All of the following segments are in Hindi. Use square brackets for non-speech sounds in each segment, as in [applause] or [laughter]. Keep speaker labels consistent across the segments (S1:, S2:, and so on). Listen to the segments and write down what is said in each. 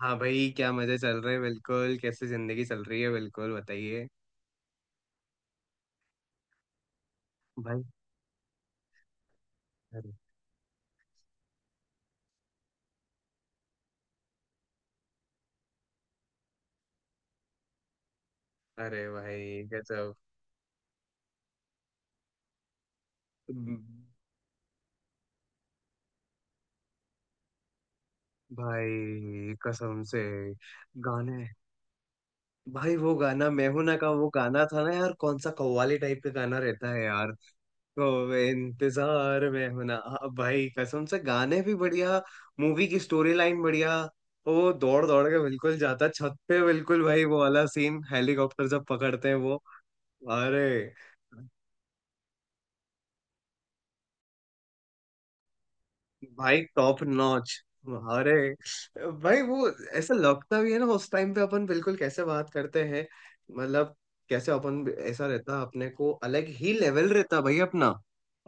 S1: हाँ भाई, क्या मजे चल रहे हैं? बिल्कुल कैसे जिंदगी चल रही है, बिल्कुल बताइए। भाई! अरे! अरे भाई गजब। हम्म। भाई कसम से गाने। भाई वो गाना मैं हूं ना का, वो गाना था ना यार, कौन सा कव्वाली टाइप का गाना रहता है यार? तो इंतजार मैं हूं ना। हाँ, भाई कसम से गाने भी बढ़िया। मूवी की स्टोरी लाइन बढ़िया। वो दौड़ दौड़ के बिल्कुल जाता छत पे, बिल्कुल भाई वो वाला सीन, हेलीकॉप्टर जब पकड़ते हैं वो। अरे भाई टॉप नॉच। अरे भाई वो। ऐसा लगता भी है ना उस टाइम पे अपन बिल्कुल कैसे बात करते हैं, मतलब। कैसे अपन, ऐसा रहता अपने को, अलग ही लेवल रहता भाई अपना।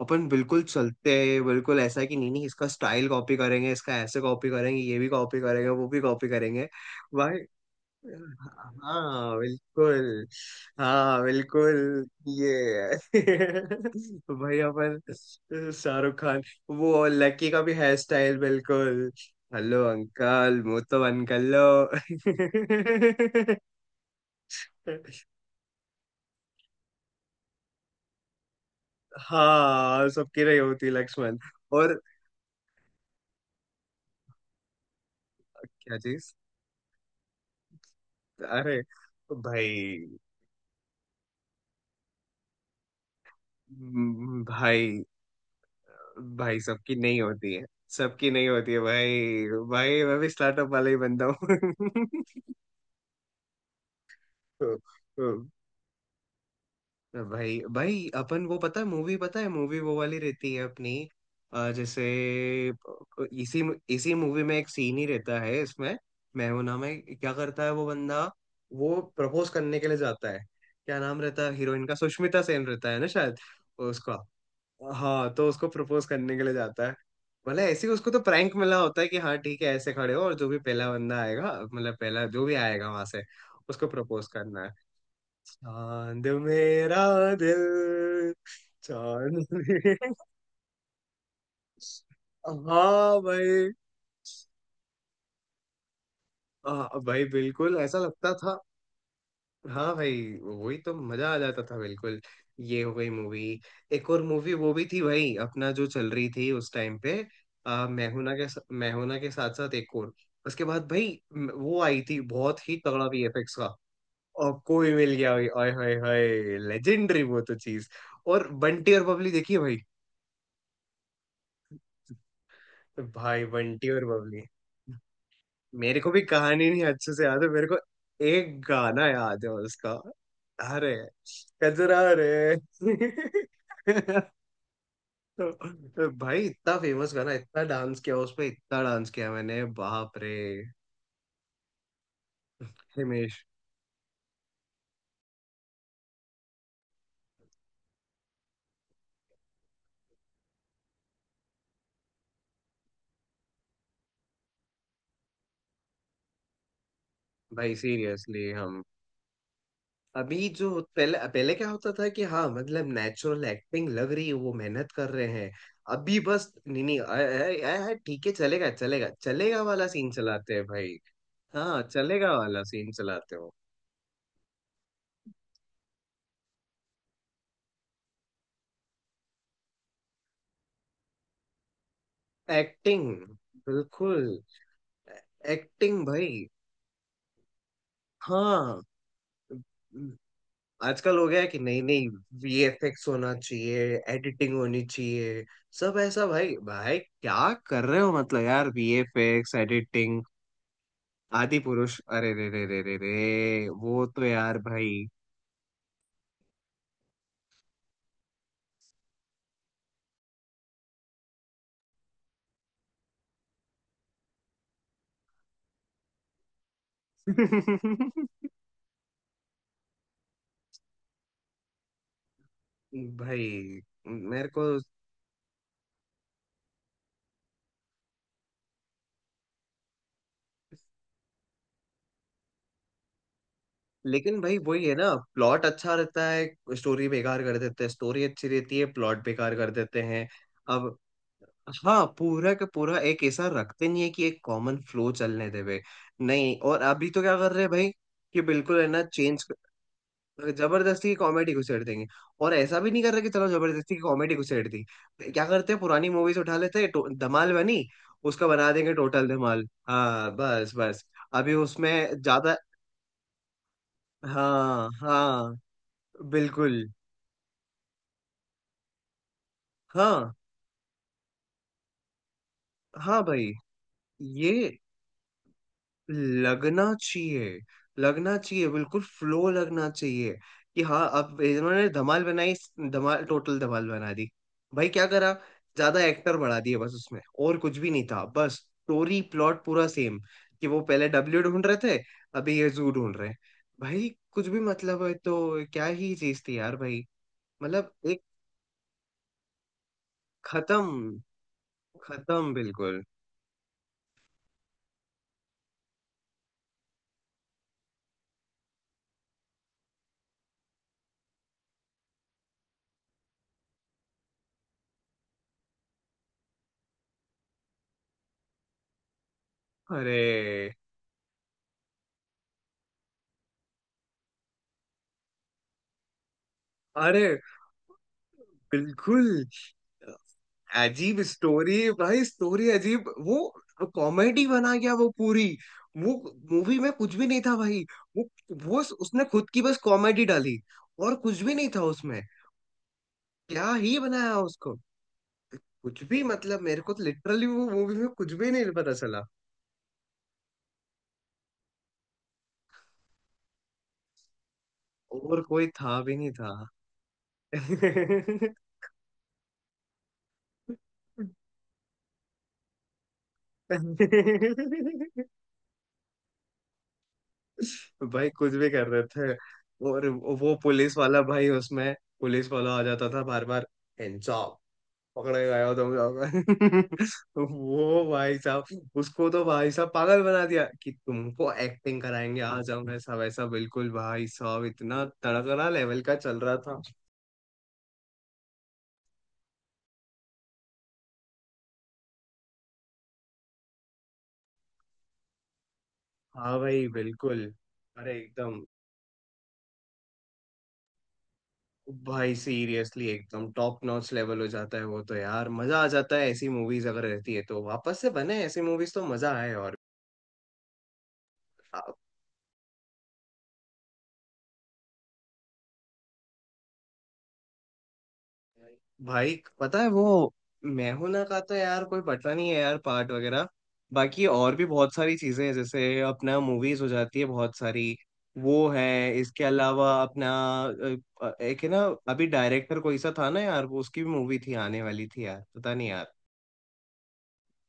S1: अपन बिल्कुल चलते हैं, बिल्कुल ऐसा है कि नहीं नहीं इसका स्टाइल कॉपी करेंगे, इसका ऐसे कॉपी करेंगे, ये भी कॉपी करेंगे, वो भी कॉपी करेंगे। भाई, हाँ बिल्कुल। हाँ बिल्कुल। ये [laughs] भाई अपन शाहरुख खान, वो लकी का भी हेयर स्टाइल बिल्कुल। हेलो अंकल मुंह तो बंद कर लो। [laughs] हाँ, सबकी रही होती लक्ष्मण। और क्या चीज। अरे भाई! भाई! भाई सबकी नहीं होती है। सबकी नहीं होती है भाई। भाई मैं भी स्टार्टअप वाला ही बंदा हूँ। [laughs] हाँ, हाँ। भाई, भाई अपन वो पता है मूवी, पता है मूवी वो वाली रहती है अपनी। जैसे इसी इसी मूवी में एक सीन ही रहता है इसमें। मैं हूं ना, मैं क्या करता है वो बंदा? वो प्रपोज करने के लिए जाता है। क्या नाम रहता है हीरोइन का? सुष्मिता सेन रहता है ना शायद। उसका। हाँ, तो उसको प्रपोज करने के लिए जाता है। मतलब ऐसे ही उसको तो प्रैंक मिला होता है कि हाँ ठीक है, ऐसे खड़े हो, और जो भी पहला बंदा आएगा, मतलब पहला जो भी आएगा वहां से उसको प्रपोज करना है। चांद मेरा दिल, चांद में- [laughs] हाँ भाई। हाँ भाई बिल्कुल ऐसा लगता था। हाँ भाई, वही तो मजा आ जाता था बिल्कुल। ये हो गई मूवी। एक और मूवी वो भी थी भाई अपना, जो चल रही थी उस टाइम पे। मैहुना के साथ साथ एक और। उसके बाद भाई, वो आई थी बहुत ही तगड़ा वीएफएक्स का। और कोई मिल गया भाई, आय हाय हाय, लेजेंडरी वो तो चीज। और बंटी और बबली देखिए भाई। भाई बंटी और बबली। मेरे को भी कहानी नहीं अच्छे से याद है मेरे को। एक गाना याद है उसका। अरे, कजरा रे। [laughs] तो भाई इतना फेमस गाना, इतना डांस किया उसपे, इतना डांस किया मैंने, बाप रे। हिमेश! भाई सीरियसली हम। अभी जो, पहले पहले क्या होता था कि हाँ मतलब नेचुरल एक्टिंग लग रही है, वो मेहनत कर रहे हैं। अभी बस नहीं नहीं ठीक है चलेगा चलेगा चलेगा वाला सीन चलाते हैं भाई। हाँ, चलेगा वाला सीन चलाते हो। एक्टिंग बिल्कुल। एक्टिंग भाई। हाँ। आजकल हो गया है कि नहीं नहीं वीएफएक्स होना चाहिए, एडिटिंग होनी चाहिए। सब ऐसा भाई, भाई क्या कर रहे हो मतलब यार, वीएफएक्स एडिटिंग। आदि पुरुष, अरे रे रे रे रे रे, वो तो यार भाई। [laughs] भाई मेरे को। लेकिन भाई वही है ना, प्लॉट अच्छा रहता है स्टोरी बेकार कर देते हैं, स्टोरी अच्छी रहती है प्लॉट बेकार कर देते हैं। अब हाँ, पूरा का पूरा एक ऐसा रखते नहीं है कि एक कॉमन फ्लो चलने देवे। नहीं, और अभी तो क्या कर रहे हैं भाई, कि बिल्कुल है ना चेंज। जबरदस्ती की कॉमेडी को छेड़ देंगे। और ऐसा भी नहीं कर रहे कि चलो जबरदस्ती की कॉमेडी को छेड़ दी। क्या करते हैं, पुरानी मूवीज उठा लेते हैं। धमाल बनी, उसका बना देंगे टोटल धमाल। हाँ बस बस। अभी उसमें ज्यादा, हाँ हाँ बिल्कुल। हाँ हाँ भाई, ये लगना चाहिए, लगना चाहिए बिल्कुल फ्लो लगना चाहिए। कि हाँ अब इन्होंने धमाल बनाई, धमाल टोटल धमाल बना दी। भाई क्या करा, ज्यादा एक्टर बढ़ा दिए बस उसमें, और कुछ भी नहीं था, बस स्टोरी प्लॉट पूरा सेम। कि वो पहले डब्ल्यू ढूंढ रहे थे, अभी ये जू ढूंढ रहे हैं भाई। कुछ भी मतलब, है तो क्या ही चीज थी यार भाई। मतलब एक, खत्म। खत्म बिल्कुल। अरे, अरे बिल्कुल, अजीब स्टोरी भाई, स्टोरी अजीब। वो कॉमेडी बना गया वो पूरी। वो मूवी में कुछ भी नहीं था भाई। वो वो उसने खुद की बस कॉमेडी डाली, और कुछ भी नहीं था उसमें। क्या ही बनाया उसको। कुछ भी मतलब, मेरे को तो लिटरली वो मूवी में कुछ भी नहीं पता चला। और कोई था भी नहीं था। भाई कुछ भी कर रहे थे। और वो पुलिस वाला भाई उसमें, पुलिस वाला आ जाता था बार बार, पकड़े गए हो तुम लोग। [laughs] तो वो भाई साहब, उसको तो भाई साहब पागल बना दिया कि तुमको एक्टिंग कराएंगे, आ जाओ, ऐसा वैसा, बिल्कुल भाई साहब इतना तड़कना लेवल का चल रहा था। हाँ भाई बिल्कुल। अरे एकदम। भाई सीरियसली एकदम टॉप नॉच लेवल हो जाता है वो तो यार, मजा आ जाता है। ऐसी मूवीज अगर रहती है तो वापस से बने ऐसी मूवीज तो मजा आए। और भाई, पता है वो, मैं हूं ना का तो यार कोई पता नहीं है यार, पार्ट वगैरह। बाकी और भी बहुत सारी चीजें हैं, जैसे अपना मूवीज हो जाती है बहुत सारी। वो है। इसके अलावा अपना, एक है ना, अभी डायरेक्टर कोई सा था ना यार, वो उसकी भी मूवी थी आने वाली थी यार, पता नहीं यार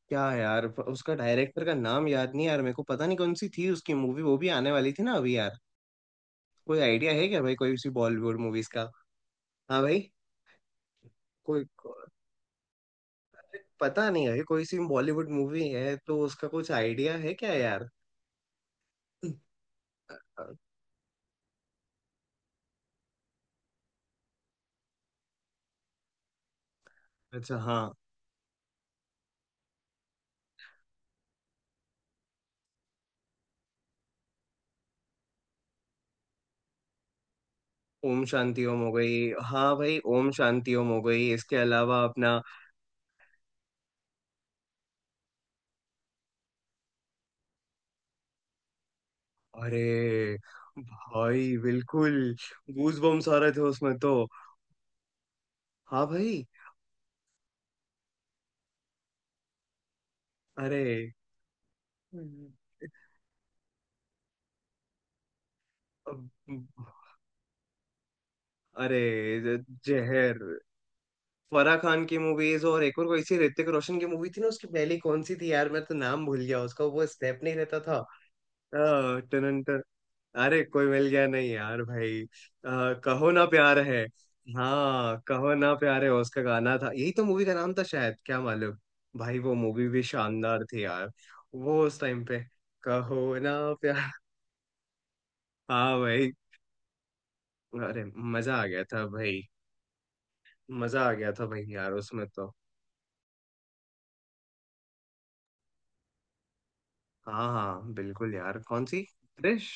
S1: क्या है यार। उसका डायरेक्टर का नाम याद नहीं यार मेरे को, पता नहीं कौन सी थी उसकी मूवी, वो भी आने वाली थी ना अभी यार। कोई आइडिया है क्या भाई, कोई सी बॉलीवुड मूवीज का? हाँ भाई। कोई पता नहीं है, कोई सी बॉलीवुड मूवी है तो उसका कुछ आइडिया है क्या यार? अच्छा, हाँ ओम शांति ओम हो गई। हाँ भाई, ओम शांति ओम हो गई। इसके अलावा अपना, अरे भाई बिल्कुल। गूज बम्स आ रहे थे उसमें तो। हाँ भाई। अरे। हम्म। अब- अरे जहर। फराह खान की मूवीज, और एक और कोई सी ऋतिक रोशन की मूवी थी ना, उसकी पहली कौन सी थी यार, मैं तो नाम भूल गया उसका, वो स्टेप नहीं रहता था। अरे, कोई मिल गया नहीं यार भाई। कहो ना प्यार है। हाँ, कहो ना प्यार है, उसका गाना था, यही तो मूवी का नाम था शायद, क्या मालूम। भाई वो मूवी भी शानदार थी यार। वो उस टाइम पे, कहो ना प्यार, हाँ भाई। अरे, मजा आ गया था भाई। मजा आ गया था भाई यार, उसमें तो। हाँ हाँ बिल्कुल यार। कौन सी क्रिश,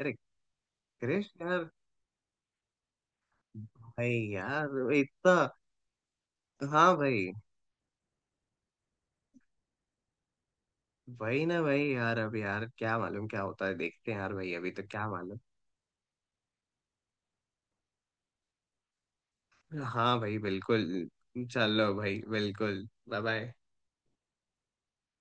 S1: अरे क्रिश यार? भाई यार इतना, हाँ भाई वही ना भाई यार, अब यार क्या मालूम क्या होता है, देखते हैं यार भाई, अभी तो क्या मालूम। हाँ भाई बिल्कुल। चलो भाई बिल्कुल, बाय बाय।